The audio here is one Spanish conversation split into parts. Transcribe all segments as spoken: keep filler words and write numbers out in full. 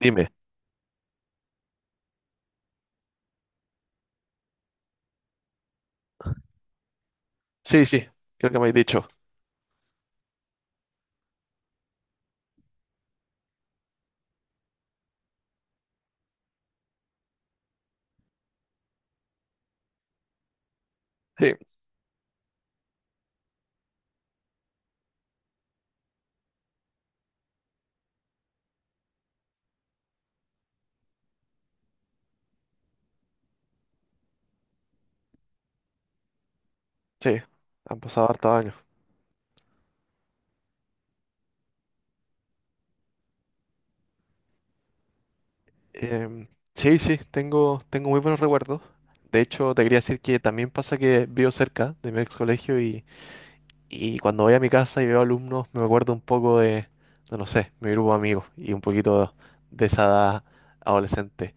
Dime. Sí, sí, creo que me has dicho. Sí, sí, han pasado hartos años. Em, sí, sí, tengo, tengo muy buenos recuerdos. De hecho, te quería decir que también pasa que vivo cerca de mi ex colegio y, y cuando voy a mi casa y veo alumnos, me acuerdo un poco de, no, no sé, mi grupo de amigos y un poquito de esa edad adolescente.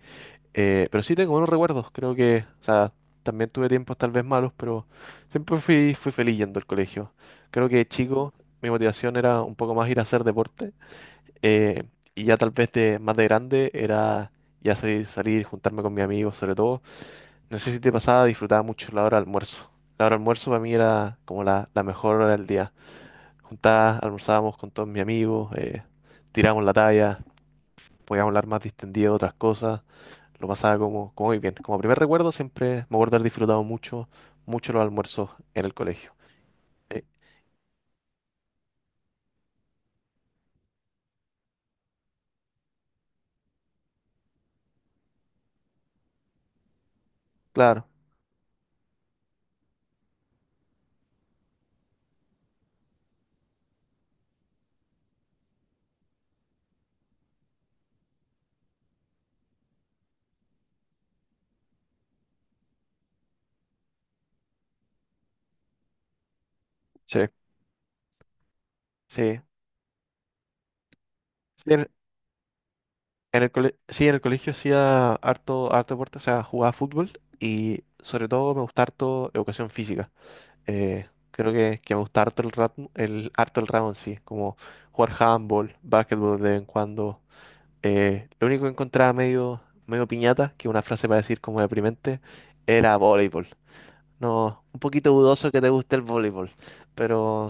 Eh, pero sí tengo buenos recuerdos, creo que, o sea, también tuve tiempos tal vez malos, pero siempre fui, fui feliz yendo al colegio. Creo que de chico mi motivación era un poco más ir a hacer deporte eh, y ya tal vez de más de grande era ya salir, salir, juntarme con mis amigos sobre todo. No sé si te pasaba, disfrutaba mucho la hora de almuerzo. La hora de almuerzo para mí era como la, la mejor hora del día. Juntadas, almorzábamos con todos mis amigos, eh, tirábamos la talla, podíamos hablar más distendido de otras cosas. Lo pasaba como, como muy bien. Como primer recuerdo, siempre me acuerdo haber disfrutado mucho, mucho los almuerzos en el colegio. Eh, claro, sí, sí. Sí, en, en el cole- sí, en el colegio hacía harto, harto deporte, o sea, jugaba fútbol y sobre todo me gusta harto educación física. Eh, creo que, que me gusta harto el, rat- el, harto el ramo en sí, como jugar handball, básquetbol de vez en cuando. Eh, lo único que encontraba medio, medio piñata, que es una frase para decir como deprimente, era voleibol. No, un poquito dudoso que te guste el voleibol, pero,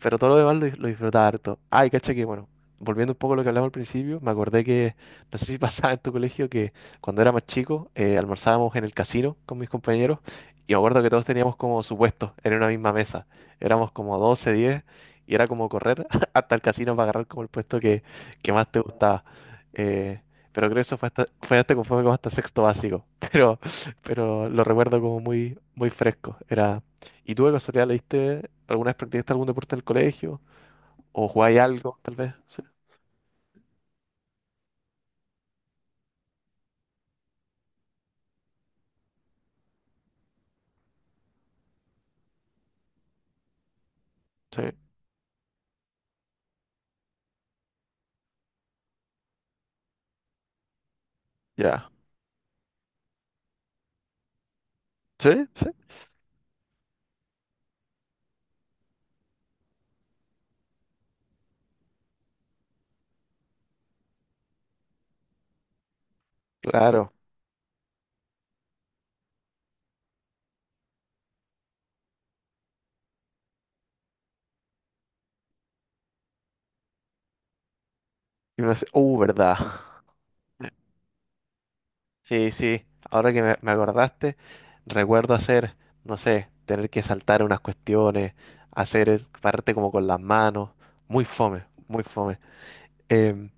pero todo lo demás lo, lo disfrutaba harto. Ay, cacha que, bueno, volviendo un poco a lo que hablamos al principio, me acordé que, no sé si pasaba en tu colegio, que cuando era más chico, eh, almorzábamos en el casino con mis compañeros y me acuerdo que todos teníamos como su puesto en una misma mesa. Éramos como doce diez y era como correr hasta el casino para agarrar como el puesto que, que más te gustaba. Eh, pero creo que eso fue hasta, fue hasta conforme como hasta sexto básico. Pero, pero lo recuerdo como muy, muy fresco. Era, ¿Y tú de casualidad leíste alguna vez practicaste algún deporte en el colegio? ¿O jugáis algo, tal vez? Sí, sí, ya. ¿Sí? ¿Sí? Claro. Y uno dice, uh, verdad. Sí, sí. Ahora que me, me acordaste, recuerdo hacer, no sé, tener que saltar unas cuestiones, hacer, eh, pararte como con las manos. Muy fome, muy fome. Em,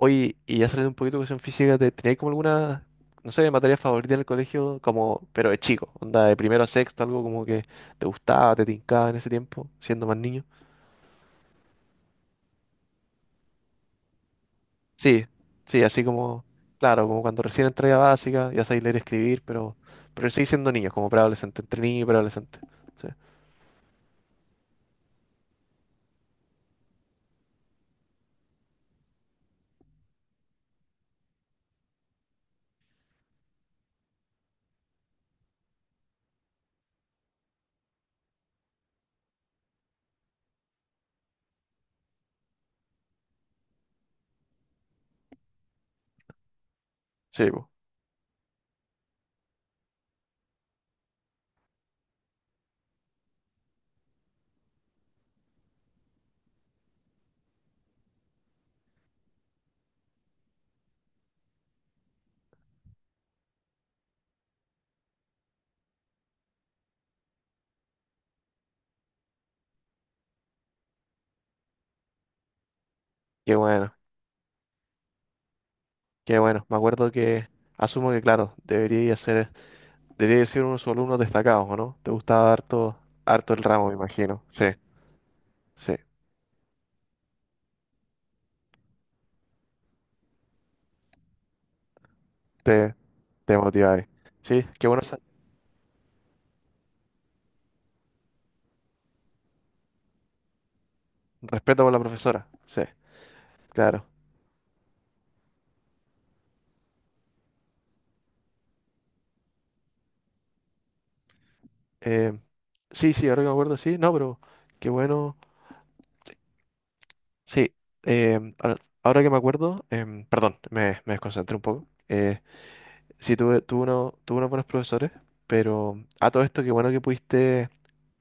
Oye, y ya saliendo un poquito de cuestión física, ¿te- ¿tenías como alguna, no sé, materia favorita en el colegio, como, pero de chico, onda de primero a sexto, algo como que te gustaba, te tincaba en ese tiempo, siendo más niño? Sí, sí, así como, claro, como cuando recién entré a básica, ya sabéis leer y escribir, pero, pero seguís siendo niños, como preadolescente, entre niño y preadolescente. Sí, sí, po. Qué bueno, qué bueno. Me acuerdo que, asumo que, claro, debería ser, debería ser uno de sus alumnos destacados, ¿o no? Te gustaba harto, harto el ramo, me imagino. Sí. Sí. Te, te motiváis. Sí, qué bueno. sa- Respeto por la profesora. Sí, claro. Eh, sí, sí, ahora que me acuerdo, sí. No, pero qué bueno. Sí, eh, ahora, ahora que me acuerdo, em, perdón, me, me desconcentré un poco. Eh, sí, tuve, tuve, uno- tuve unos buenos profesores, pero a todo esto, qué bueno que pudiste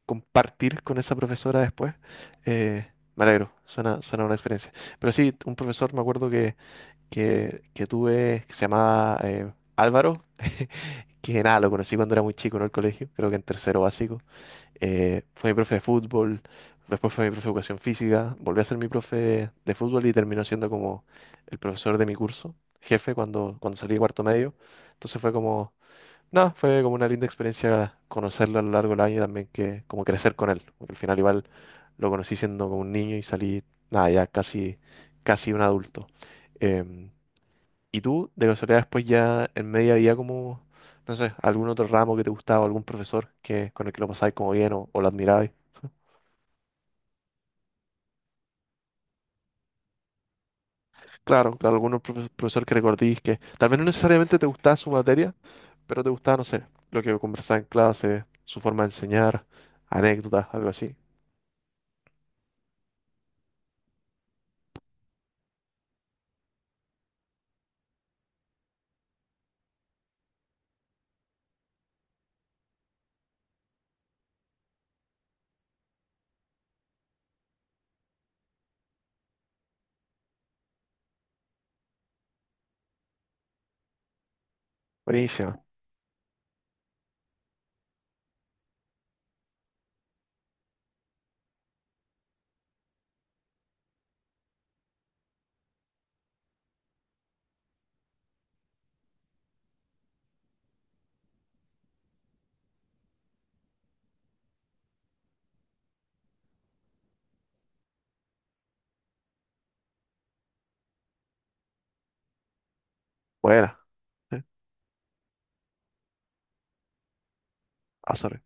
compartir con esa profesora después. Eh, Me alegro, suena, suena una experiencia. Pero sí, un profesor me acuerdo que, que, que tuve, que se llamaba eh, Álvaro, que nada, lo conocí cuando era muy chico, ¿no? El colegio, creo que en tercero básico. Eh, fue mi profe de fútbol, después fue mi profe de educación física, volví a ser mi profe de fútbol y terminó siendo como el profesor de mi curso, jefe cuando, cuando salí de cuarto medio. Entonces fue como, nada, fue como una linda experiencia conocerlo a lo largo del año y también que como crecer con él, porque al final igual lo conocí siendo como un niño y salí, nada, ya casi, casi un adulto. Em, ¿Y tú, de casualidad, después ya en media había como, no sé, algún otro ramo que te gustaba, algún profesor que, con el que lo pasabais como bien o, o lo admirabais? Claro, claro, algún profe- profesor que recordís que tal vez no necesariamente te gustaba su materia, pero te gustaba, no sé, lo que conversaba en clase, su forma de enseñar, anécdotas, algo así. Buenísimo. Buena. Eh, Ah, sorry.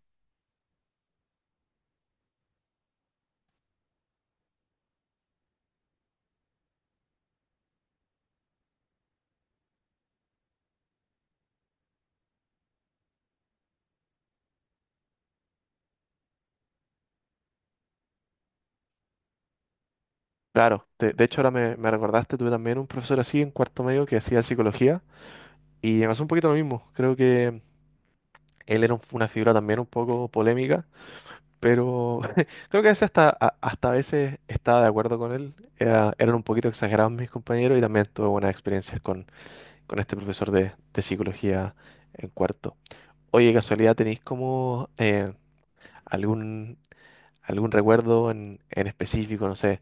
Claro, de, de hecho ahora me, me recordaste, tuve también un profesor así en cuarto medio que hacía psicología y me pasó un poquito lo mismo. Creo que él era un- una figura también un poco polémica. Pero creo que ese hasta, a- hasta a veces estaba de acuerdo con él. Era- eran un poquito exagerados mis compañeros y también tuve buenas experiencias con, con este profesor de, de psicología en cuarto. Oye, casualidad, ¿tenéis como eh, algún, algún recuerdo en, en específico, no sé,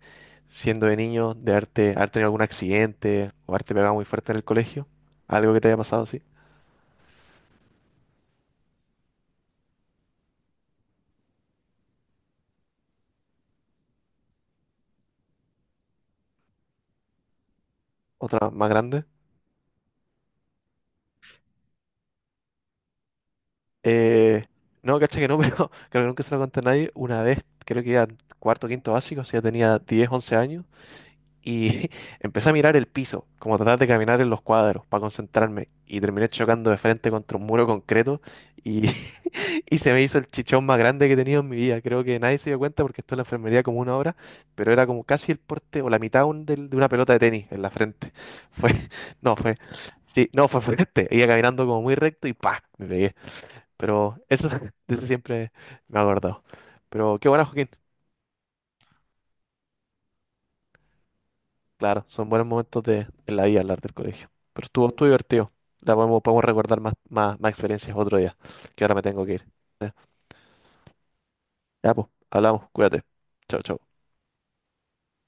siendo de niño, de haberte, haber tenido algún accidente o haberte pegado muy fuerte en el colegio? ¿Algo que te haya pasado así? ¿Otra más grande? Eh, no, caché que no, pero creo que nunca se lo conté a nadie. Una vez, creo que iba en cuarto, quinto básico, o sea, tenía diez once años, y empecé a mirar el piso, como tratar de caminar en los cuadros para concentrarme, y terminé chocando de frente contra un muro concreto, y, y se me hizo el chichón más grande que he tenido en mi vida. Creo que nadie se dio cuenta porque estuve en la enfermería como una hora, pero era como casi el porte o la mitad un- del- de una pelota de tenis en la frente. Fue, no, fue, sí, no, fue fuerte. Iba caminando como muy recto y ¡pa! Me pegué. Pero eso, de eso siempre me ha acordado. Pero qué bueno, Joaquín. Claro, son buenos momentos de, en la vida hablar del colegio. Pero estuvo, estuvo divertido. La podemos, podemos recordar más, más, más experiencias otro día, que ahora me tengo que ir. Ya, pues, hablamos. Cuídate. Chao, chao.